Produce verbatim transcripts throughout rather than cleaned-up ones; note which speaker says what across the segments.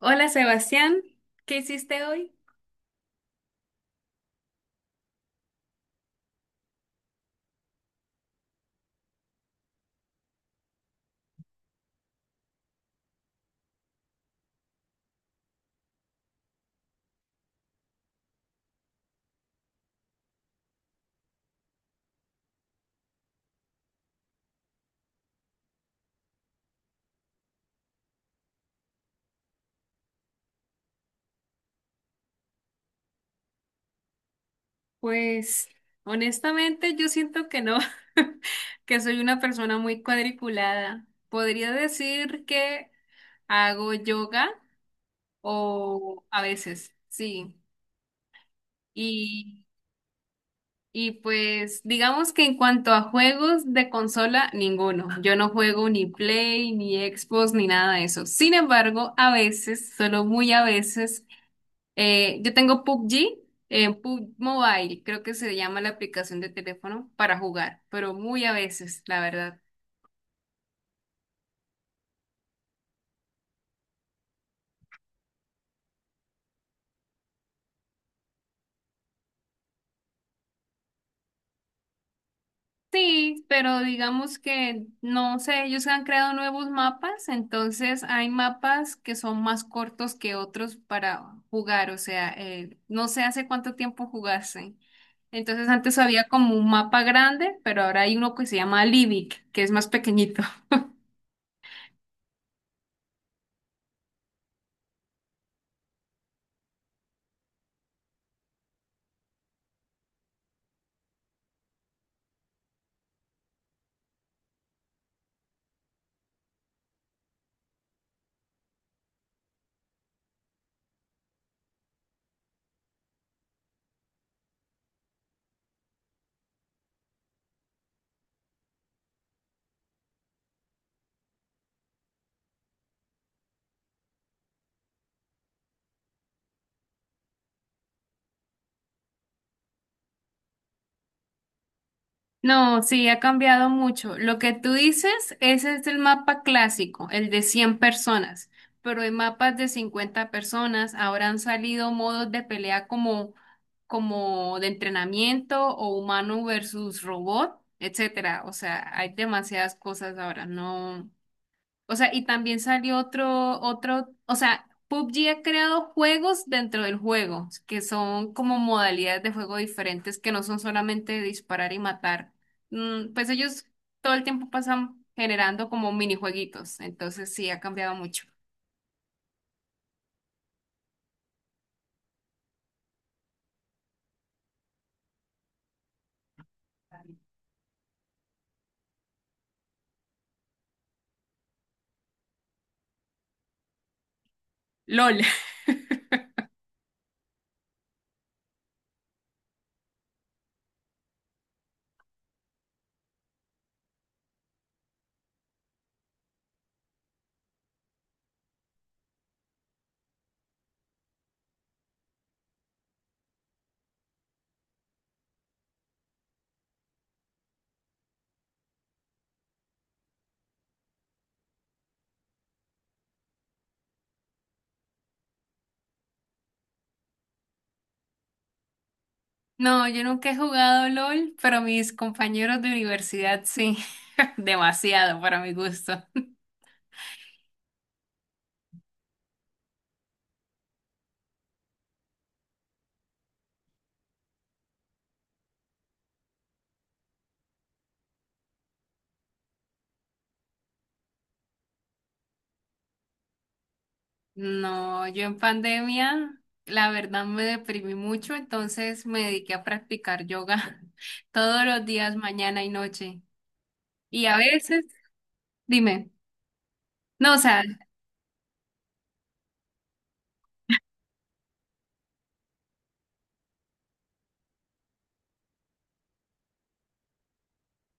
Speaker 1: Hola Sebastián, ¿qué hiciste hoy? Pues honestamente yo siento que no, que soy una persona muy cuadriculada. Podría decir que hago yoga o a veces, sí. Y, y pues digamos que en cuanto a juegos de consola, ninguno. Yo no juego ni Play, ni Xbox, ni nada de eso. Sin embargo, a veces, solo muy a veces, Eh, yo tengo P U B G, eh, P U B G Mobile, creo que se llama la aplicación de teléfono para jugar, pero muy a veces, la verdad. Sí, pero digamos que no sé, ellos han creado nuevos mapas, entonces hay mapas que son más cortos que otros para jugar, o sea, eh, no sé hace cuánto tiempo jugaste. Entonces antes había como un mapa grande, pero ahora hay uno que se llama Livic, que es más pequeñito. No, sí, ha cambiado mucho. Lo que tú dices, ese es el mapa clásico, el de cien personas, pero hay mapas de cincuenta personas. Ahora han salido modos de pelea como, como de entrenamiento o humano versus robot, etcétera. O sea, hay demasiadas cosas ahora. No, o sea, y también salió otro, otro, o sea, P U B G ha creado juegos dentro del juego, que son como modalidades de juego diferentes, que no son solamente disparar y matar. Mm, pues ellos todo el tiempo pasan generando como minijueguitos, entonces sí, ha cambiado mucho. LOL. No, yo nunca he jugado LOL, pero mis compañeros de universidad sí, demasiado para mi gusto. No, yo en pandemia, la verdad me deprimí mucho, entonces me dediqué a practicar yoga todos los días, mañana y noche. Y a veces, dime, no, o sea,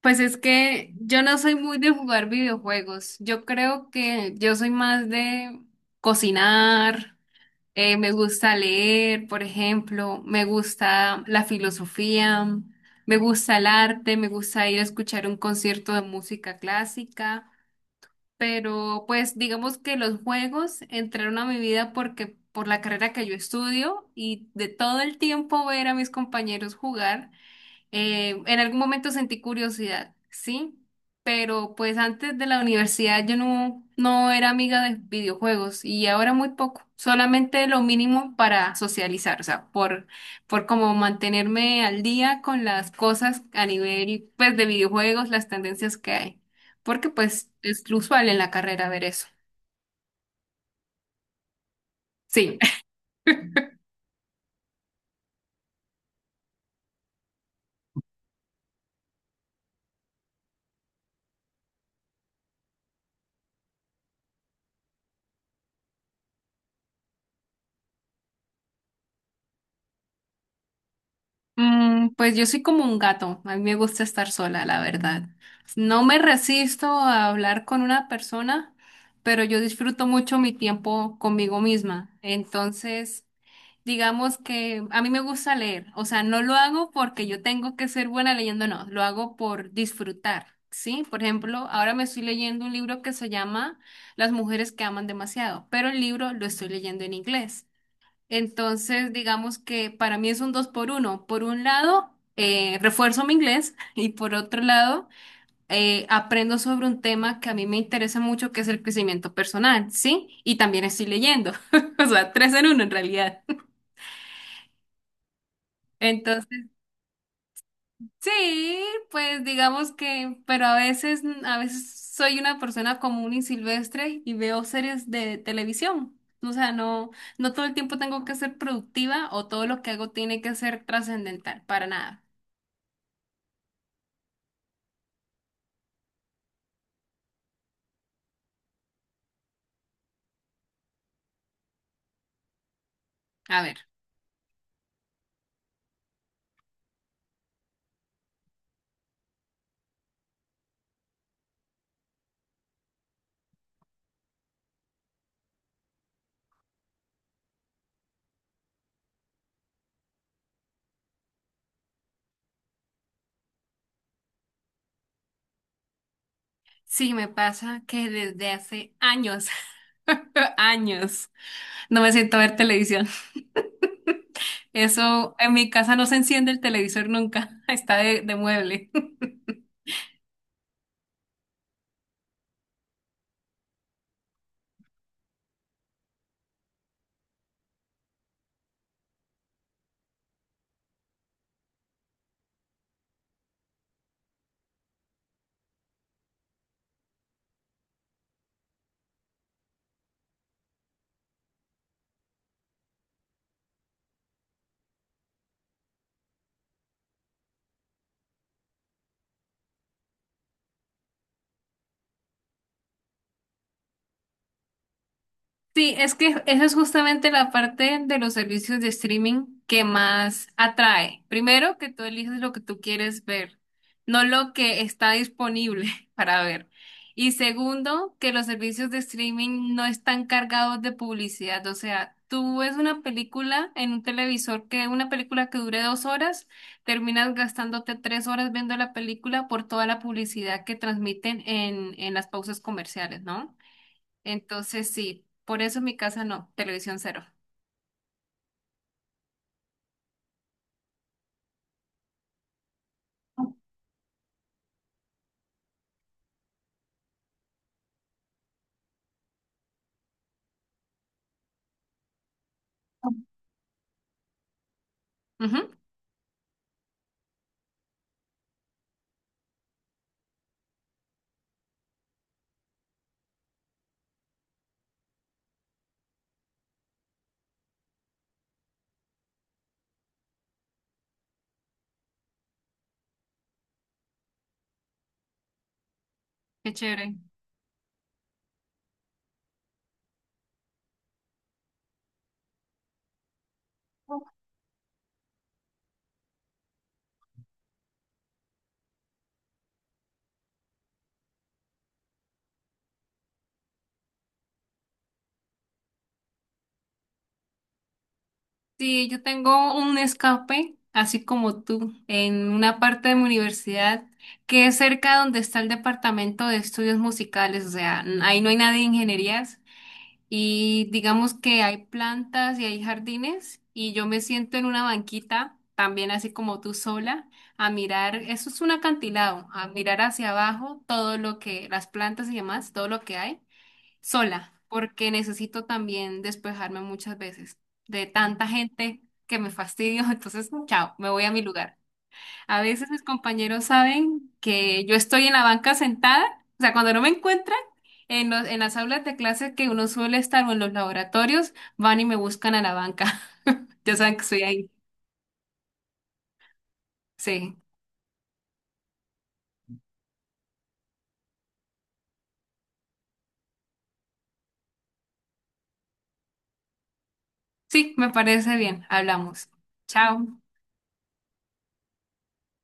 Speaker 1: pues es que yo no soy muy de jugar videojuegos. Yo creo que yo soy más de cocinar, eh, me gusta leer, por ejemplo, me gusta la filosofía, me gusta el arte, me gusta ir a escuchar un concierto de música clásica. Pero pues digamos que los juegos entraron a mi vida porque por la carrera que yo estudio y de todo el tiempo ver a mis compañeros jugar. Eh, en algún momento sentí curiosidad, sí, pero pues antes de la universidad yo no, no era amiga de videojuegos y ahora muy poco, solamente lo mínimo para socializar, o sea, por, por como mantenerme al día con las cosas a nivel pues de videojuegos, las tendencias que hay, porque pues es usual en la carrera ver eso. Sí. Mm, pues yo soy como un gato, a mí me gusta estar sola, la verdad. No me resisto a hablar con una persona, pero yo disfruto mucho mi tiempo conmigo misma. Entonces, digamos que a mí me gusta leer, o sea, no lo hago porque yo tengo que ser buena leyendo, no, lo hago por disfrutar, ¿sí? Por ejemplo, ahora me estoy leyendo un libro que se llama Las mujeres que aman demasiado, pero el libro lo estoy leyendo en inglés. Entonces, digamos que para mí es un dos por uno. Por un lado, eh, refuerzo mi inglés y por otro lado, eh, aprendo sobre un tema que a mí me interesa mucho, que es el crecimiento personal, ¿sí? Y también estoy leyendo. O sea, tres en uno en realidad. Entonces, sí, pues digamos que, pero a veces, a veces soy una persona común y silvestre y veo series de televisión. O sea, no, no todo el tiempo tengo que ser productiva o todo lo que hago tiene que ser trascendental, para nada. A ver, sí me pasa que desde hace años, años, no me siento a ver televisión. Eso, en mi casa no se enciende el televisor nunca, está de, de mueble. Sí, es que esa es justamente la parte de los servicios de streaming que más atrae. Primero, que tú eliges lo que tú quieres ver, no lo que está disponible para ver. Y segundo, que los servicios de streaming no están cargados de publicidad. O sea, tú ves una película en un televisor que una película que dure dos horas, terminas gastándote tres horas viendo la película por toda la publicidad que transmiten en, en las pausas comerciales, ¿no? Entonces sí, por eso en mi casa no, televisión cero. Ujú. Qué chévere. Sí, yo tengo un escape, así como tú, en una parte de mi universidad que es cerca donde está el departamento de estudios musicales, o sea, n- ahí no hay nadie de ingenierías, y digamos que hay plantas y hay jardines y yo me siento en una banquita, también así como tú sola, a mirar, eso es un acantilado, a mirar hacia abajo todo lo que, las plantas y demás, todo lo que hay, sola, porque necesito también despejarme muchas veces de tanta gente que me fastidio, entonces, chao, me voy a mi lugar. A veces mis compañeros saben que yo estoy en la banca sentada, o sea, cuando no me encuentran en los- en las aulas de clase que uno suele estar o en los laboratorios, van y me buscan a la banca. Ya saben que estoy ahí. Sí, sí, me parece bien. Hablamos. Chao.